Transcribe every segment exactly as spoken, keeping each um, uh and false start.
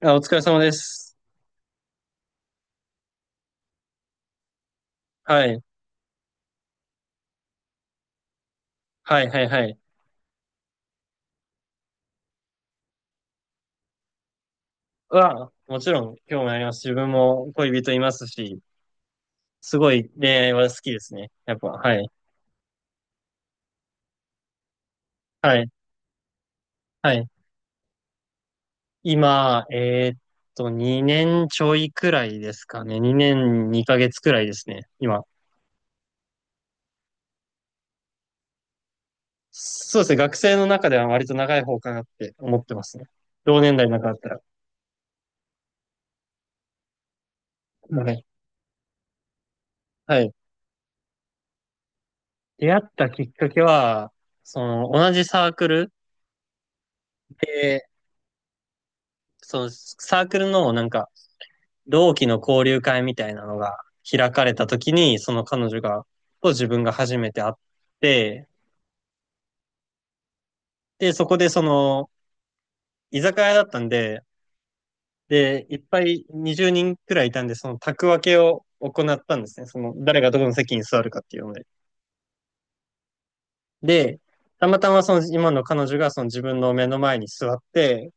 あ、お疲れ様です。はい。はい、はい、はい。は、もちろん、興味あります。自分も恋人いますし、すごい恋愛は好きですね。やっぱ、はい。はい、はい。今、えーっと、にねんちょいくらいですかね。にねんにかげつくらいですね。今。そうですね。学生の中では割と長い方かなって思ってますね。同年代の中だったら。はい。はい。出会ったきっかけは、その、同じサークルで、その、サークルのなんか、同期の交流会みたいなのが開かれた時に、その彼女が、と自分が初めて会って、で、そこでその、居酒屋だったんで、で、いっぱいにじゅうにんくらいいたんで、その宅分けを行ったんですね。その、誰がどこの席に座るかっていうので。で、たまたまその今の彼女がその自分の目の前に座って、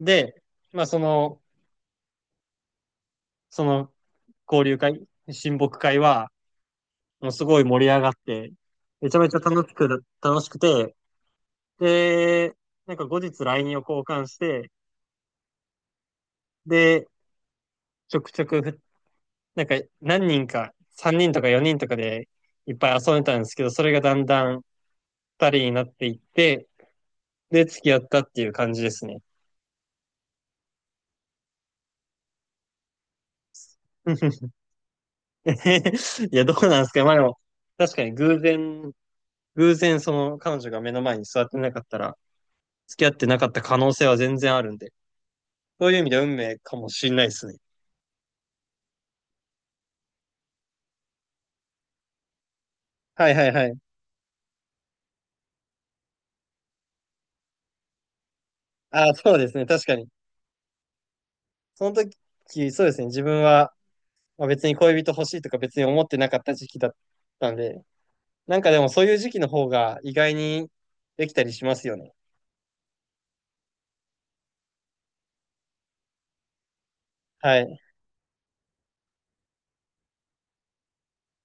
で、まあその、その交流会、親睦会は、もうすごい盛り上がって、めちゃめちゃ楽しく、楽しくて、で、なんか後日 ライン を交換して、で、ちょくちょくふ、なんか何人か、さんにんとかよにんとかでいっぱい遊んでたんですけど、それがだんだんふたりになっていって、で、付き合ったっていう感じですね。いや、どうなんですか？まあでも、確かに偶然、偶然その彼女が目の前に座ってなかったら、付き合ってなかった可能性は全然あるんで、そういう意味では運命かもしれないですね。はいはいはい。ああ、そうですね。確かに。その時、そうですね。自分は、まあ、別に恋人欲しいとか別に思ってなかった時期だったんで、なんかでもそういう時期の方が意外にできたりしますよね。はい。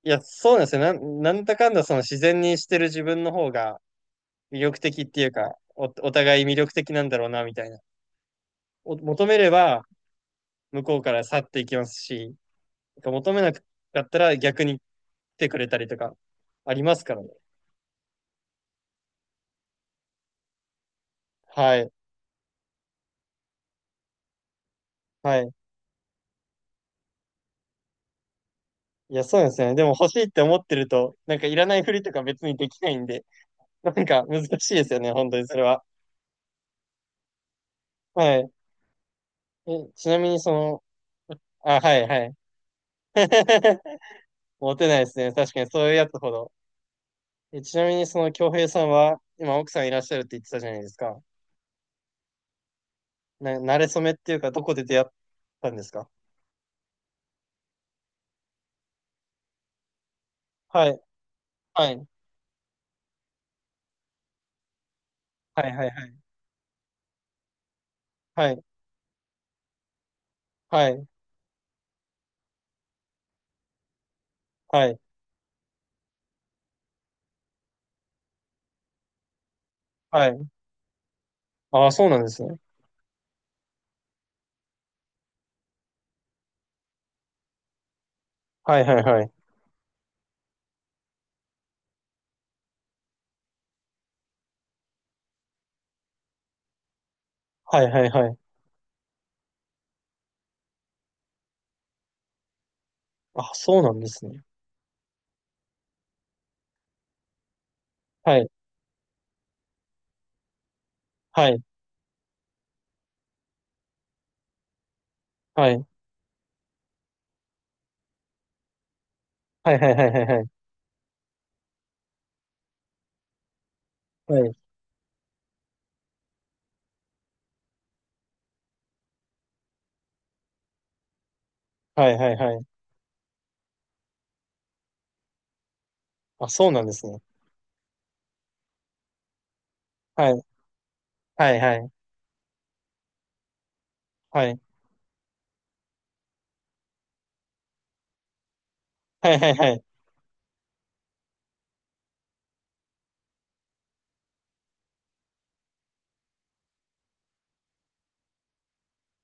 いや、そうなんですよ。なん、なんだかんだその自然にしてる自分の方が魅力的っていうか、お、お互い魅力的なんだろうな、みたいな。お、求めれば向こうから去っていきますし、求めなかったら逆に来てくれたりとかありますからね。はい。はい。いや、そうなんですよね。でも欲しいって思ってると、なんかいらないふりとか別にできないんで、なんか難しいですよね、本当にそれは。はい。え、ちなみにその、あ、はいはい。モテないですね。確かにそういうやつほど。え、ちなみにその京平さんは、今奥さんいらっしゃるって言ってたじゃないですか。な、馴れ初めっていうか、どこで出会ったんですか？はい。はい。はいはいはい。はい。はい。はい。ああ、そうなんですね。はいはいはい。はいはいはい。あ、そうなんですね。はい。はい。はい。はいはいはいはいはい。はい。はいはいはい。あ、そうなんですね。はい。はいはい。はい。はいはいはい。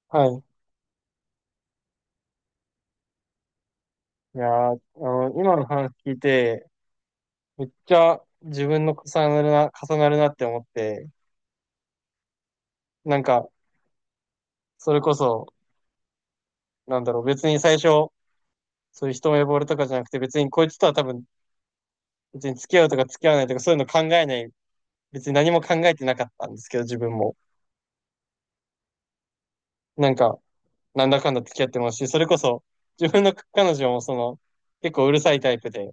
はい。いやー、あの、今の話聞いて、めっちゃ自分の重なるな、重なるなって思って、なんか、それこそ、なんだろう、別に最初、そういう一目惚れとかじゃなくて、別にこいつとは多分、別に付き合うとか付き合わないとか、そういうの考えない、別に何も考えてなかったんですけど、自分も。なんか、なんだかんだ付き合ってますし、それこそ、自分の彼女もその、結構うるさいタイプで、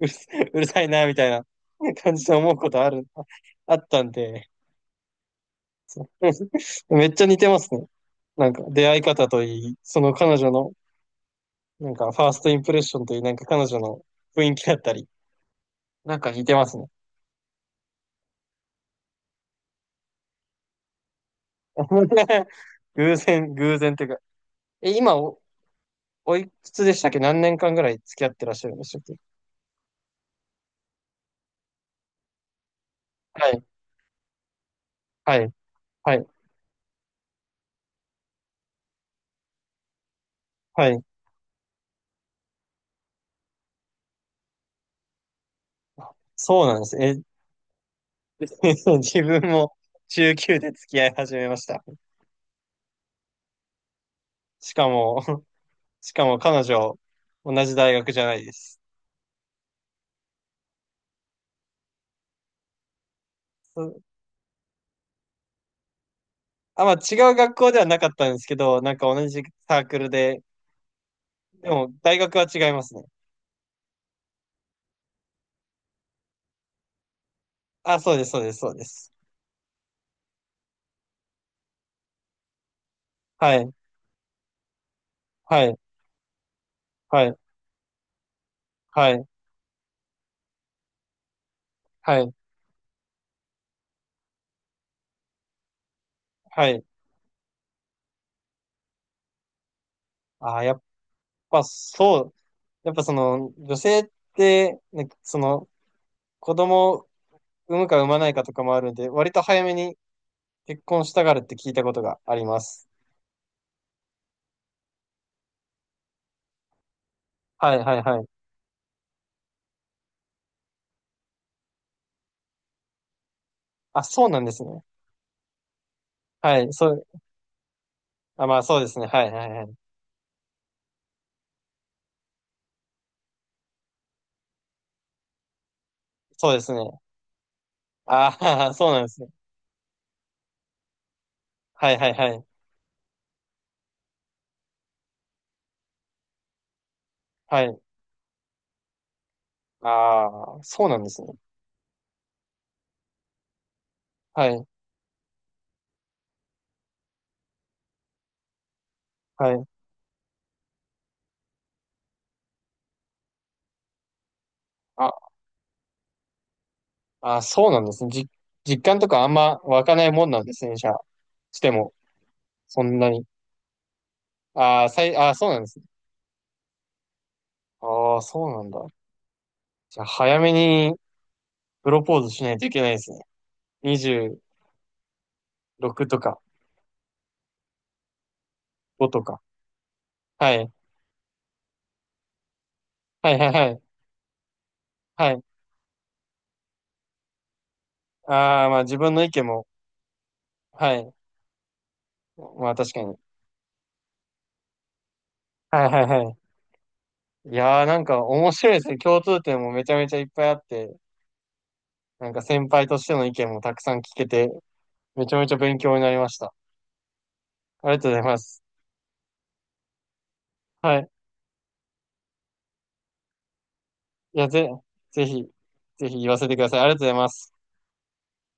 うる、うるさいな、みたいな感じで思うことある、あったんで、めっちゃ似てますね。なんか出会い方といい、その彼女の、なんかファーストインプレッションといい、なんか彼女の雰囲気だったり、なんか似てますね。偶然、偶然っていうか、え、今お、おいくつでしたっけ？何年間ぐらい付き合ってらっしゃるんでしたっけ？はい、はい、はい、はい。そうなんですねえ。自分も中級で付き合い始めました。しかも、しかも彼女、同じ大学じゃないです。あ、まあ違う学校ではなかったんですけど、なんか同じサークルで、でも大学は違いますね。あ、そうです、そうです、そうです。はい、はい、はい、はい、はい、はい。あ、やっぱそう、やっぱその女性って、なんかその子供を産むか産まないかとかもあるんで、割と早めに結婚したがるって聞いたことがあります。はい、はい、はい。あ、そうなんですね。はい、そう、あ、まあそうですね。はい、はい、はい。そうですね。ああ、そうなんですね。はい、はい、はい。はい。ああ、そうなんですね。はい、はい。あ、あ、そうなんですね。じ、実感とかあんま湧かないもんなんですね、じゃあ。しても、そんなに。ああ、さい、ああ、そうなんですね。ああ、そうなんだ。じゃあ、早めにプロポーズしないといけないですね。にじゅうろくとかごとか。はい。はい、はい、はい。はい。ああ、まあ自分の意見も。はい。まあ確かに。はい、はい、はい。いやー、なんか面白いですね。共通点もめちゃめちゃいっぱいあって、なんか先輩としての意見もたくさん聞けて、めちゃめちゃ勉強になりました。ありがとうございます。はい。いや、ぜ、ぜひ、ぜひ言わせてください。ありがとうございます。